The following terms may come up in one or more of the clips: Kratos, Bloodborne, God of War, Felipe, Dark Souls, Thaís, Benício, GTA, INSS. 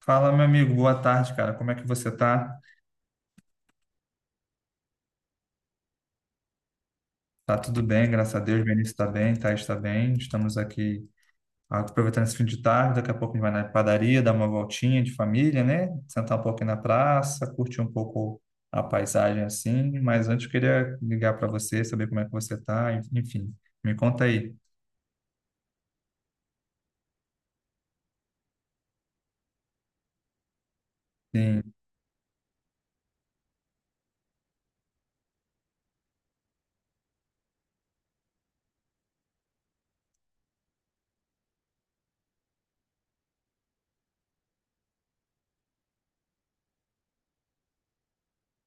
Fala, meu amigo, boa tarde, cara. Como é que você tá? Tá tudo bem, graças a Deus. Benício está bem, Thaís está bem. Estamos aqui aproveitando esse fim de tarde. Daqui a pouco a gente vai na padaria, dar uma voltinha de família, né? Sentar um pouquinho na praça, curtir um pouco a paisagem assim. Mas antes eu queria ligar para você, saber como é que você tá. Enfim, me conta aí. Sim.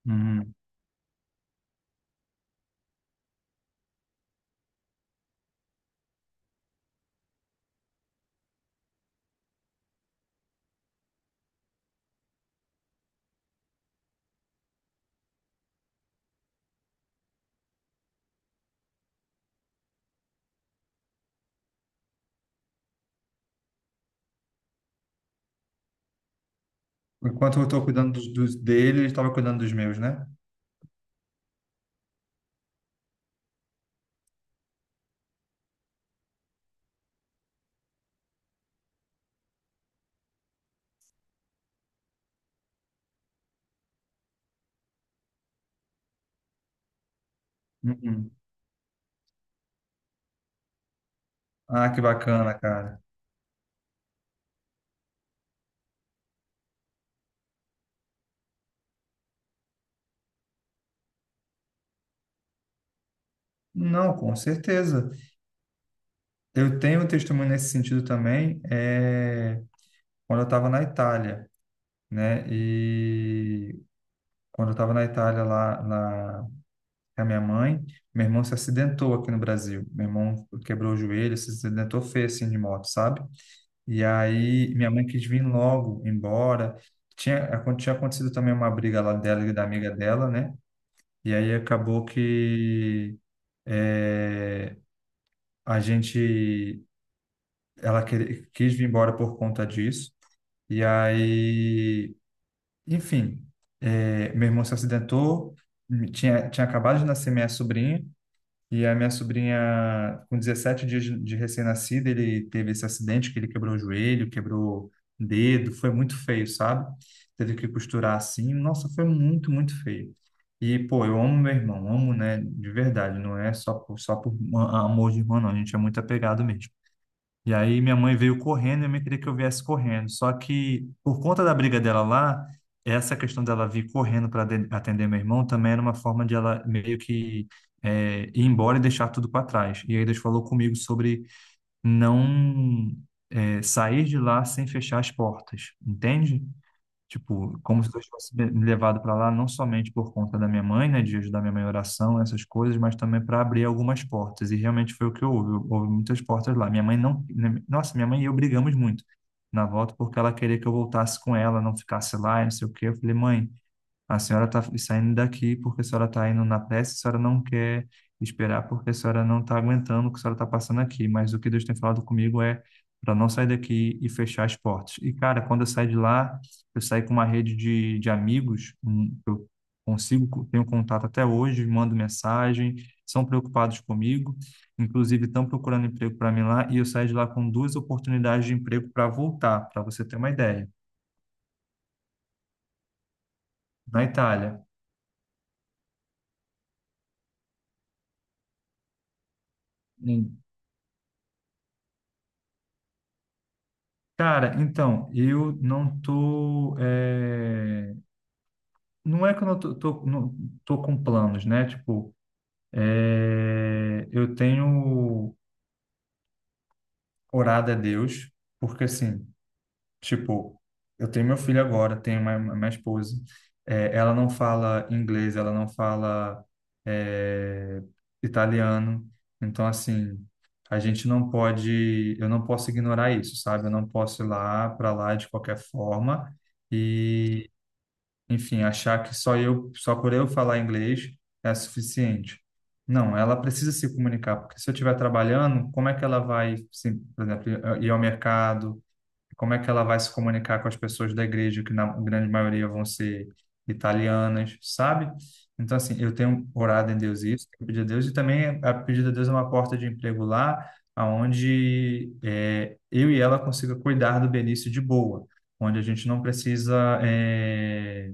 Uhum. Enquanto eu estou cuidando dos dele, ele estava cuidando dos meus, né? Uhum. Ah, que bacana, cara. Não, com certeza. Eu tenho um testemunho nesse sentido também, quando eu estava na Itália, né? E quando eu estava na Itália lá com a minha mãe, meu irmão se acidentou aqui no Brasil. Meu irmão quebrou o joelho, se acidentou feio assim de moto, sabe? E aí minha mãe quis vir logo embora. Tinha acontecido também uma briga lá dela e da amiga dela, né? E aí acabou que é, a gente, ela quis vir embora por conta disso. E aí, enfim, meu irmão se acidentou, tinha acabado de nascer minha sobrinha, e a minha sobrinha, com 17 dias de recém-nascida, ele teve esse acidente que ele quebrou o joelho, quebrou o dedo, foi muito feio, sabe? Teve que costurar assim, nossa, foi muito, muito feio. E, pô, eu amo meu irmão, amo, né, de verdade, não é só só por amor de irmão, não, a gente é muito apegado mesmo. E aí minha mãe veio correndo e me queria que eu viesse correndo. Só que por conta da briga dela lá, essa questão dela vir correndo para atender meu irmão também era uma forma de ela meio que ir embora e deixar tudo para trás. E aí Deus falou comigo sobre não sair de lá sem fechar as portas, entende? Tipo, como se Deus tivesse me levado para lá, não somente por conta da minha mãe, né, de ajudar minha mãe em oração, essas coisas, mas também para abrir algumas portas. E realmente foi o que houve. Houve muitas portas lá. Minha mãe não. né, Nossa, minha mãe e eu brigamos muito na volta porque ela queria que eu voltasse com ela, não ficasse lá, e não sei o quê. Eu falei, mãe. A senhora está saindo daqui porque a senhora está indo na pressa, a senhora não quer esperar porque a senhora não está aguentando o que a senhora está passando aqui. Mas o que Deus tem falado comigo é para não sair daqui e fechar as portas. E, cara, quando eu saí de lá, eu saí com uma rede de amigos, eu consigo, tenho contato até hoje, mando mensagem, são preocupados comigo, inclusive estão procurando emprego para mim lá, e eu saí de lá com duas oportunidades de emprego para voltar, para você ter uma ideia. Na Itália. Cara, então, eu não tô. Eh, Não é que eu não tô com planos, né? Tipo, eu tenho orado a Deus, porque assim, tipo, eu tenho meu filho agora, tenho minha esposa. Ela não fala inglês, ela não fala, eh, italiano. Então, assim, a gente não pode. Eu não posso ignorar isso, sabe? Eu não posso ir lá para lá de qualquer forma. Enfim, achar que só eu, só por eu falar inglês é suficiente. Não, ela precisa se comunicar, porque se eu estiver trabalhando, como é que ela vai, assim, por exemplo, ir ao mercado? Como é que ela vai se comunicar com as pessoas da igreja, que na grande maioria vão ser italianas, sabe? Então, assim, eu tenho orado em Deus isso, tenho pedido a Deus, e também a pedido a Deus é uma porta de emprego lá, aonde eu e ela consiga cuidar do Benício de boa, onde a gente não precisa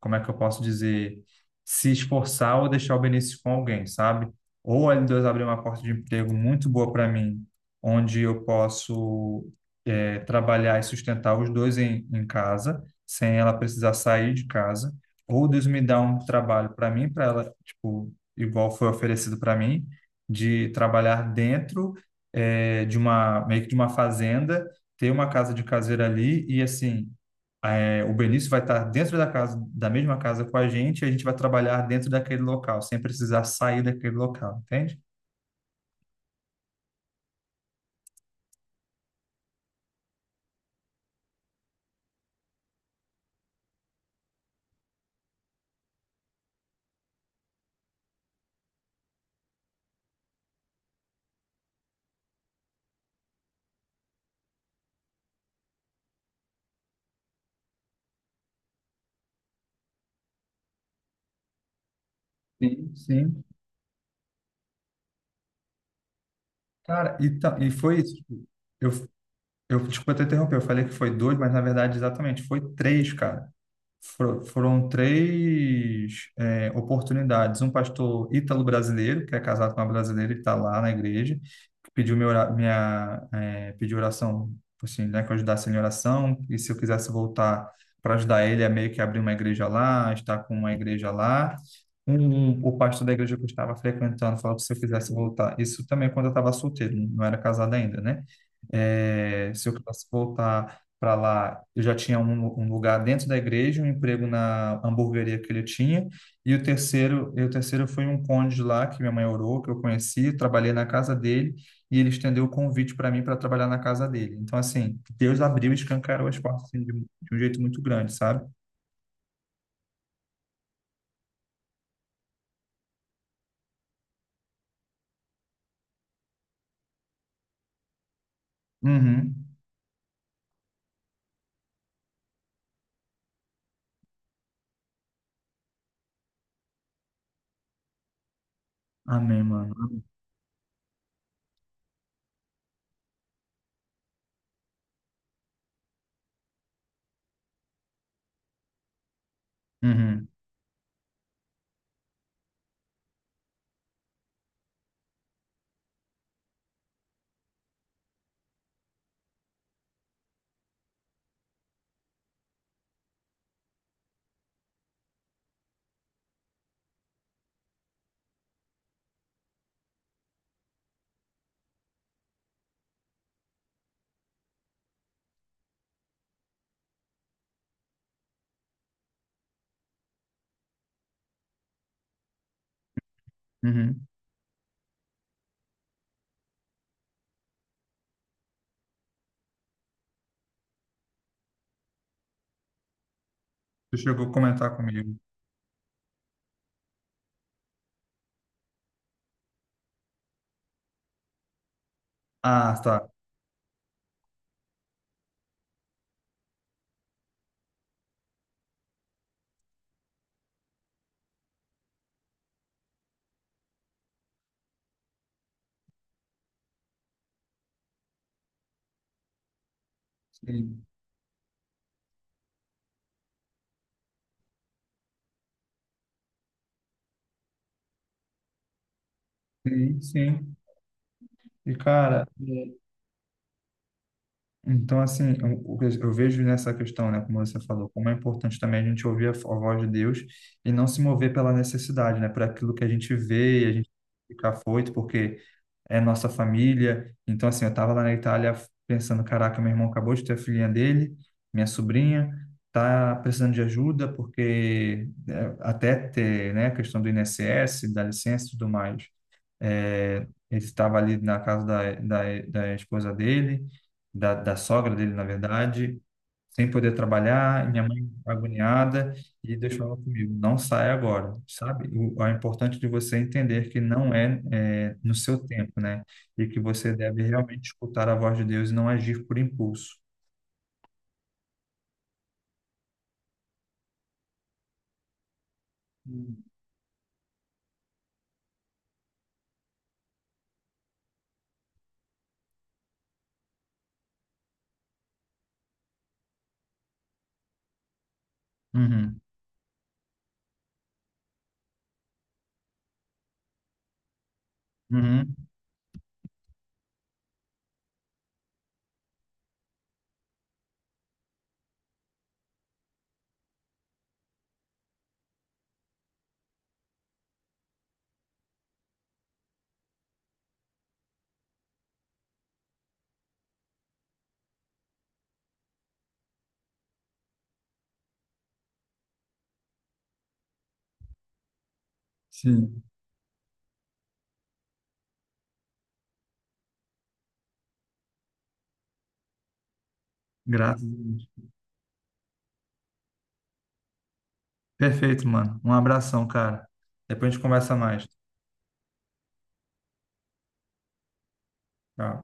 como é que eu posso dizer, se esforçar ou deixar o benefício com alguém, sabe? Ou a L2 abrir uma porta de emprego muito boa para mim, onde eu posso é, trabalhar e sustentar os dois em, em casa, sem ela precisar sair de casa, ou Deus me dá um trabalho para mim, para ela, tipo, igual foi oferecido para mim, de trabalhar dentro é, de uma, meio que de uma fazenda, ter uma casa de caseira ali e, assim, é, o Benício vai estar dentro da casa, da mesma casa com a gente, e a gente vai trabalhar dentro daquele local, sem precisar sair daquele local, entende? Sim, sim. Cara, e foi isso. Eu, desculpa te interromper, eu falei que foi dois, mas na verdade, exatamente, foi três, cara. Foram três, é, oportunidades. Um pastor ítalo-brasileiro, que é casado com uma brasileira e está lá na igreja. Pediu minha pediu oração, assim, né, que eu ajudasse ele em oração, e se eu quisesse voltar para ajudar ele, é meio que abrir uma igreja lá, estar com uma igreja lá. Um, o pastor da igreja que eu estava frequentando falou que se eu quisesse voltar, isso também quando eu estava solteiro, não era casado ainda, né? Se eu quisesse voltar para lá, eu já tinha um lugar dentro da igreja, um emprego na hamburgueria que ele tinha, e o terceiro foi um cônjuge lá que minha mãe orou, que eu conheci, trabalhei na casa dele, e ele estendeu o convite para mim para trabalhar na casa dele. Então, assim, Deus abriu e escancarou as portas assim, de um jeito muito grande, sabe? Uhum. Amém, mano. Uhum. Uhum. Tu chegou a comentar comigo. Ah, tá. Sim, sim. Sim. E, cara, é, então, assim, eu, o que eu vejo nessa questão, né, como você falou, como é importante também a gente ouvir a voz de Deus e não se mover pela necessidade, né, por aquilo que a gente vê e a gente fica afoito, porque é nossa família. Então, assim, eu estava lá na Itália pensando, caraca, meu irmão acabou de ter a filhinha dele, minha sobrinha, tá precisando de ajuda porque é, até ter, né, a questão do INSS, da licença e tudo mais. É, ele estava ali na casa da esposa dele, da sogra dele, na verdade, sem poder trabalhar, minha mãe agoniada, e Deus falou comigo, não sai agora, sabe? O, é importante de você entender que não é, é no seu tempo, né? E que você deve realmente escutar a voz de Deus e não agir por impulso. Hum. Uhum, uhum, sim, graças a Deus. Perfeito, mano. Um abração, cara. Depois a gente conversa mais. Tchau.